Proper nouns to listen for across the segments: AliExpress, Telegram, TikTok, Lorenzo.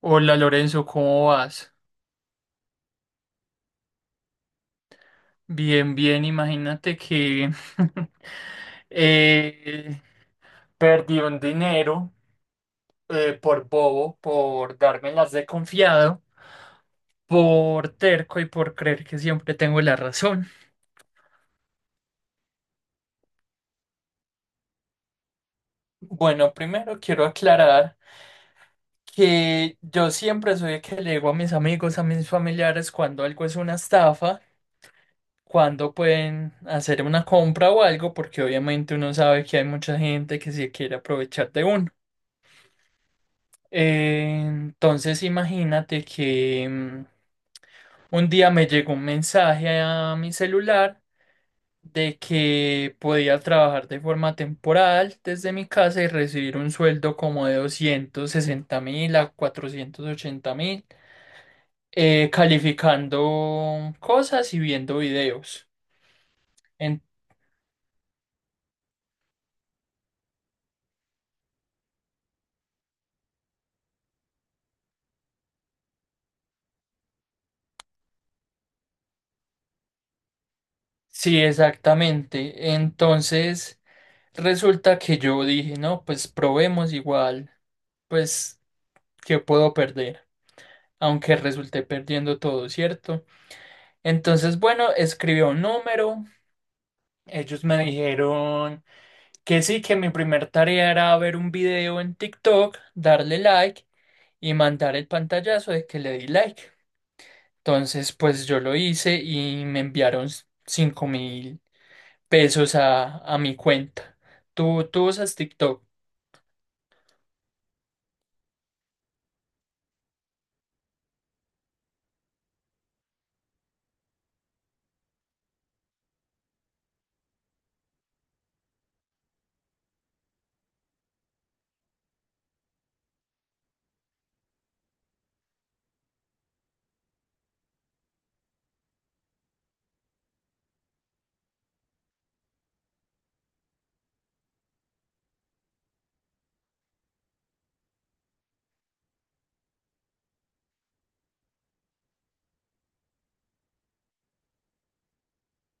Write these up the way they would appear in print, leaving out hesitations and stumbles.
Hola Lorenzo, ¿cómo vas? Bien, bien, imagínate que eh, perdí un dinero por bobo, por darme las de confiado, por terco y por creer que siempre tengo la razón. Bueno, primero quiero aclarar que yo siempre soy el que le digo a mis amigos, a mis familiares cuando algo es una estafa. Cuándo pueden hacer una compra o algo, porque obviamente uno sabe que hay mucha gente que se quiere aprovechar de uno. Entonces imagínate que un día me llegó un mensaje a mi celular de que podía trabajar de forma temporal desde mi casa y recibir un sueldo como de 260.000 a 480.000, calificando cosas y viendo videos. Sí, exactamente. Entonces, resulta que yo dije, no, pues probemos igual, pues, ¿qué puedo perder? Aunque resulté perdiendo todo, ¿cierto? Entonces, bueno, escribí un número. Ellos me dijeron que sí, que mi primer tarea era ver un video en TikTok, darle like y mandar el pantallazo de que le di like. Entonces, pues yo lo hice y me enviaron 5.000. Pesos a mi cuenta. ¿¿Tú usas TikTok?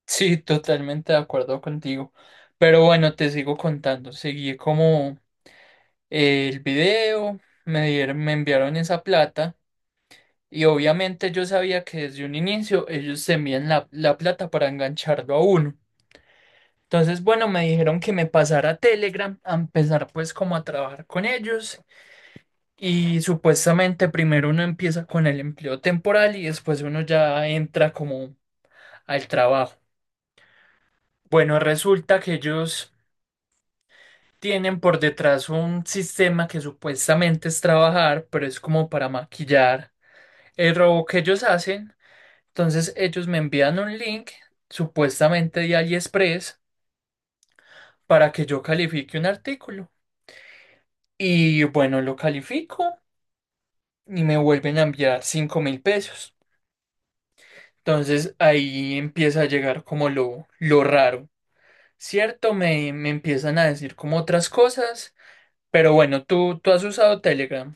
Sí, totalmente de acuerdo contigo. Pero bueno, te sigo contando. Seguí como el video, me dieron, me enviaron esa plata y obviamente yo sabía que desde un inicio ellos se envían la plata para engancharlo a uno. Entonces, bueno, me dijeron que me pasara a Telegram a empezar pues como a trabajar con ellos. Y supuestamente primero uno empieza con el empleo temporal y después uno ya entra como al trabajo. Bueno, resulta que ellos tienen por detrás un sistema que supuestamente es trabajar, pero es como para maquillar el robo que ellos hacen. Entonces ellos me envían un link supuestamente de AliExpress para que yo califique un artículo. Y bueno, lo califico y me vuelven a enviar 5.000 pesos. Entonces ahí empieza a llegar como lo raro, ¿cierto? Me empiezan a decir como otras cosas, pero bueno, ¿¿tú has usado Telegram?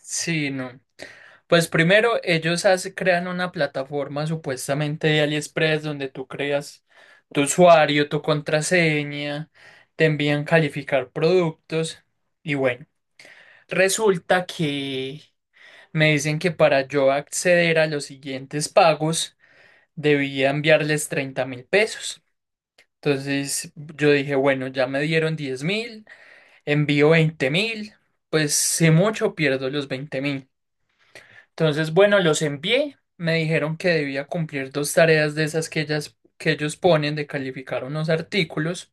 Sí, no. Pues primero ellos crean una plataforma supuestamente de AliExpress donde tú creas tu usuario, tu contraseña, te envían calificar productos y bueno, resulta que me dicen que para yo acceder a los siguientes pagos, debía enviarles 30.000 pesos. Entonces yo dije, bueno, ya me dieron 10.000, envío 20.000, pues si mucho pierdo los 20.000. Entonces, bueno, los envié, me dijeron que debía cumplir dos tareas de esas que ellos ponen de calificar unos artículos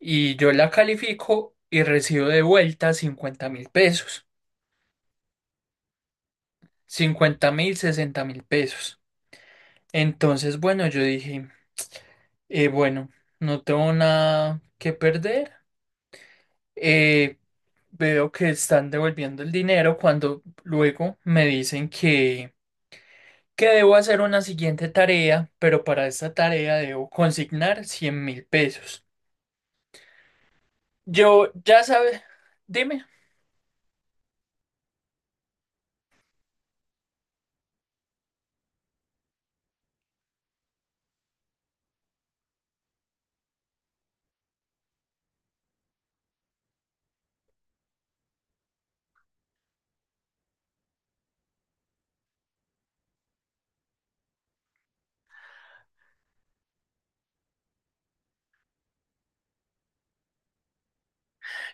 y yo la califico y recibo de vuelta 50.000 pesos, 50.000, 60.000 pesos. Entonces, bueno, yo dije, bueno, no tengo nada que perder. eh, Veo que están devolviendo el dinero cuando luego me dicen que debo hacer una siguiente tarea, pero para esta tarea debo consignar 100.000 pesos. Yo ya sabes, dime.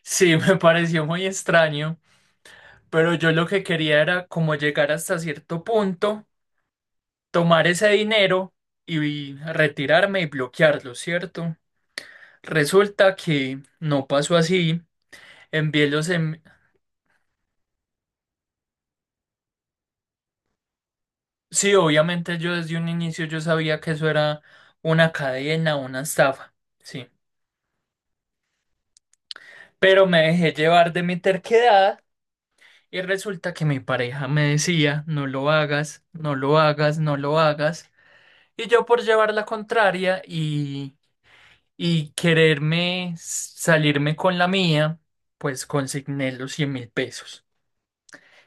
Sí, me pareció muy extraño, pero yo lo que quería era como llegar hasta cierto punto, tomar ese dinero y retirarme y bloquearlo, ¿cierto? Resulta que no pasó así. Envié los, em- Sí, obviamente yo desde un inicio yo sabía que eso era una cadena, una estafa, sí. Pero me dejé llevar de mi terquedad y resulta que mi pareja me decía, no lo hagas, no lo hagas, no lo hagas. Y yo por llevar la contraria y quererme salirme con la mía, pues consigné los 100.000 pesos.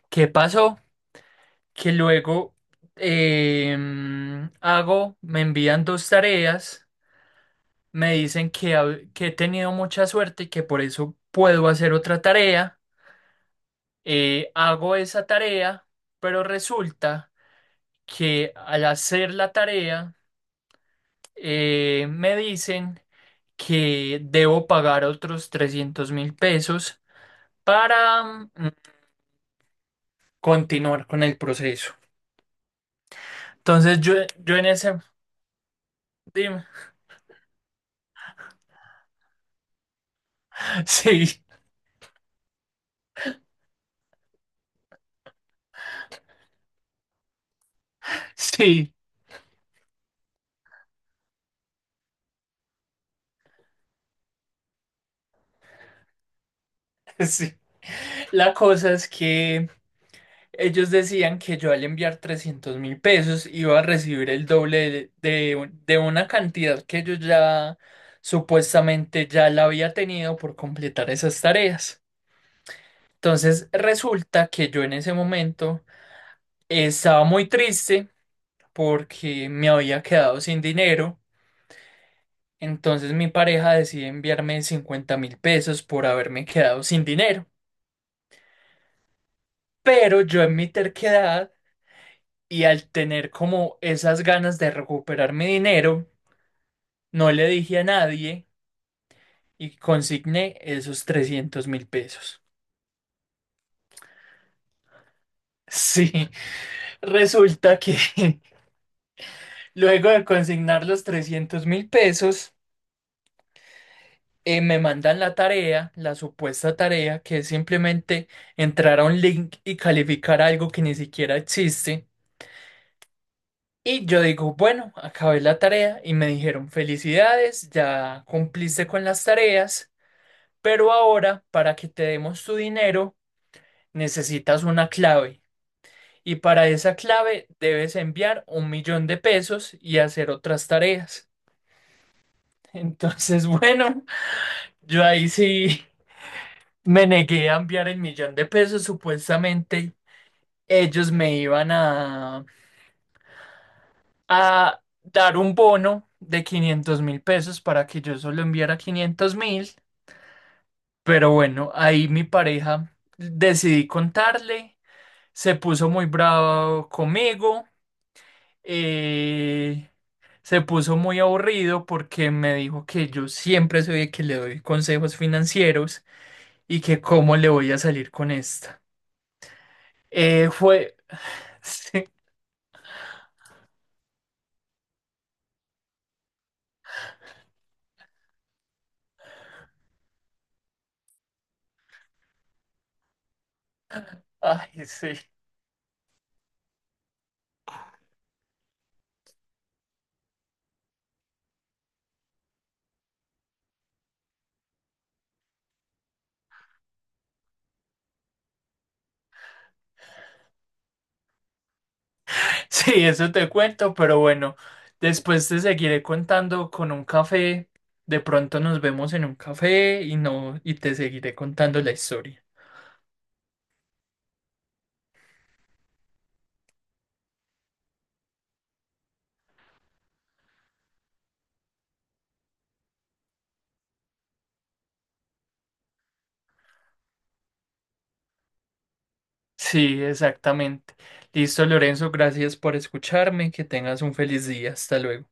¿Qué pasó? Que luego hago, me envían dos tareas. Me dicen que, que he tenido mucha suerte y que por eso puedo hacer otra tarea. Hago esa tarea, pero resulta que al hacer la tarea me dicen que debo pagar otros 300.000 pesos para continuar con el proceso. Entonces yo en ese... Dime. Sí, sí. Sí. La cosa es que ellos decían que yo al enviar 300.000 pesos iba a recibir el doble de de una cantidad que yo ya supuestamente ya la había tenido por completar esas tareas. Entonces resulta que yo en ese momento estaba muy triste porque me había quedado sin dinero. Entonces mi pareja decide enviarme 50.000 pesos por haberme quedado sin dinero. Pero yo en mi terquedad y al tener como esas ganas de recuperar mi dinero, no le dije a nadie y consigné esos 300.000 pesos. Sí, resulta que luego de consignar los 300.000 pesos, me mandan la tarea, la supuesta tarea, que es simplemente entrar a un link y calificar algo que ni siquiera existe. Y yo digo, bueno, acabé la tarea y me dijeron, felicidades, ya cumpliste con las tareas. Pero ahora, para que te demos tu dinero, necesitas una clave. Y para esa clave debes enviar un millón de pesos y hacer otras tareas. Entonces, bueno, yo ahí sí me negué a enviar el millón de pesos. Supuestamente ellos me iban a dar un bono de 500.000 pesos para que yo solo enviara 500.000. Pero bueno, ahí mi pareja decidí contarle. Se puso muy bravo conmigo, eh, se puso muy aburrido porque me dijo que yo siempre soy el que le doy consejos financieros y que cómo le voy a salir con esta. Fue... Sí, ay, sí. Sí, eso te cuento, pero bueno, después te seguiré contando con un café. De pronto nos vemos en un café y no, y te seguiré contando la historia. Sí, exactamente. Listo, Lorenzo, gracias por escucharme. Que tengas un feliz día. Hasta luego.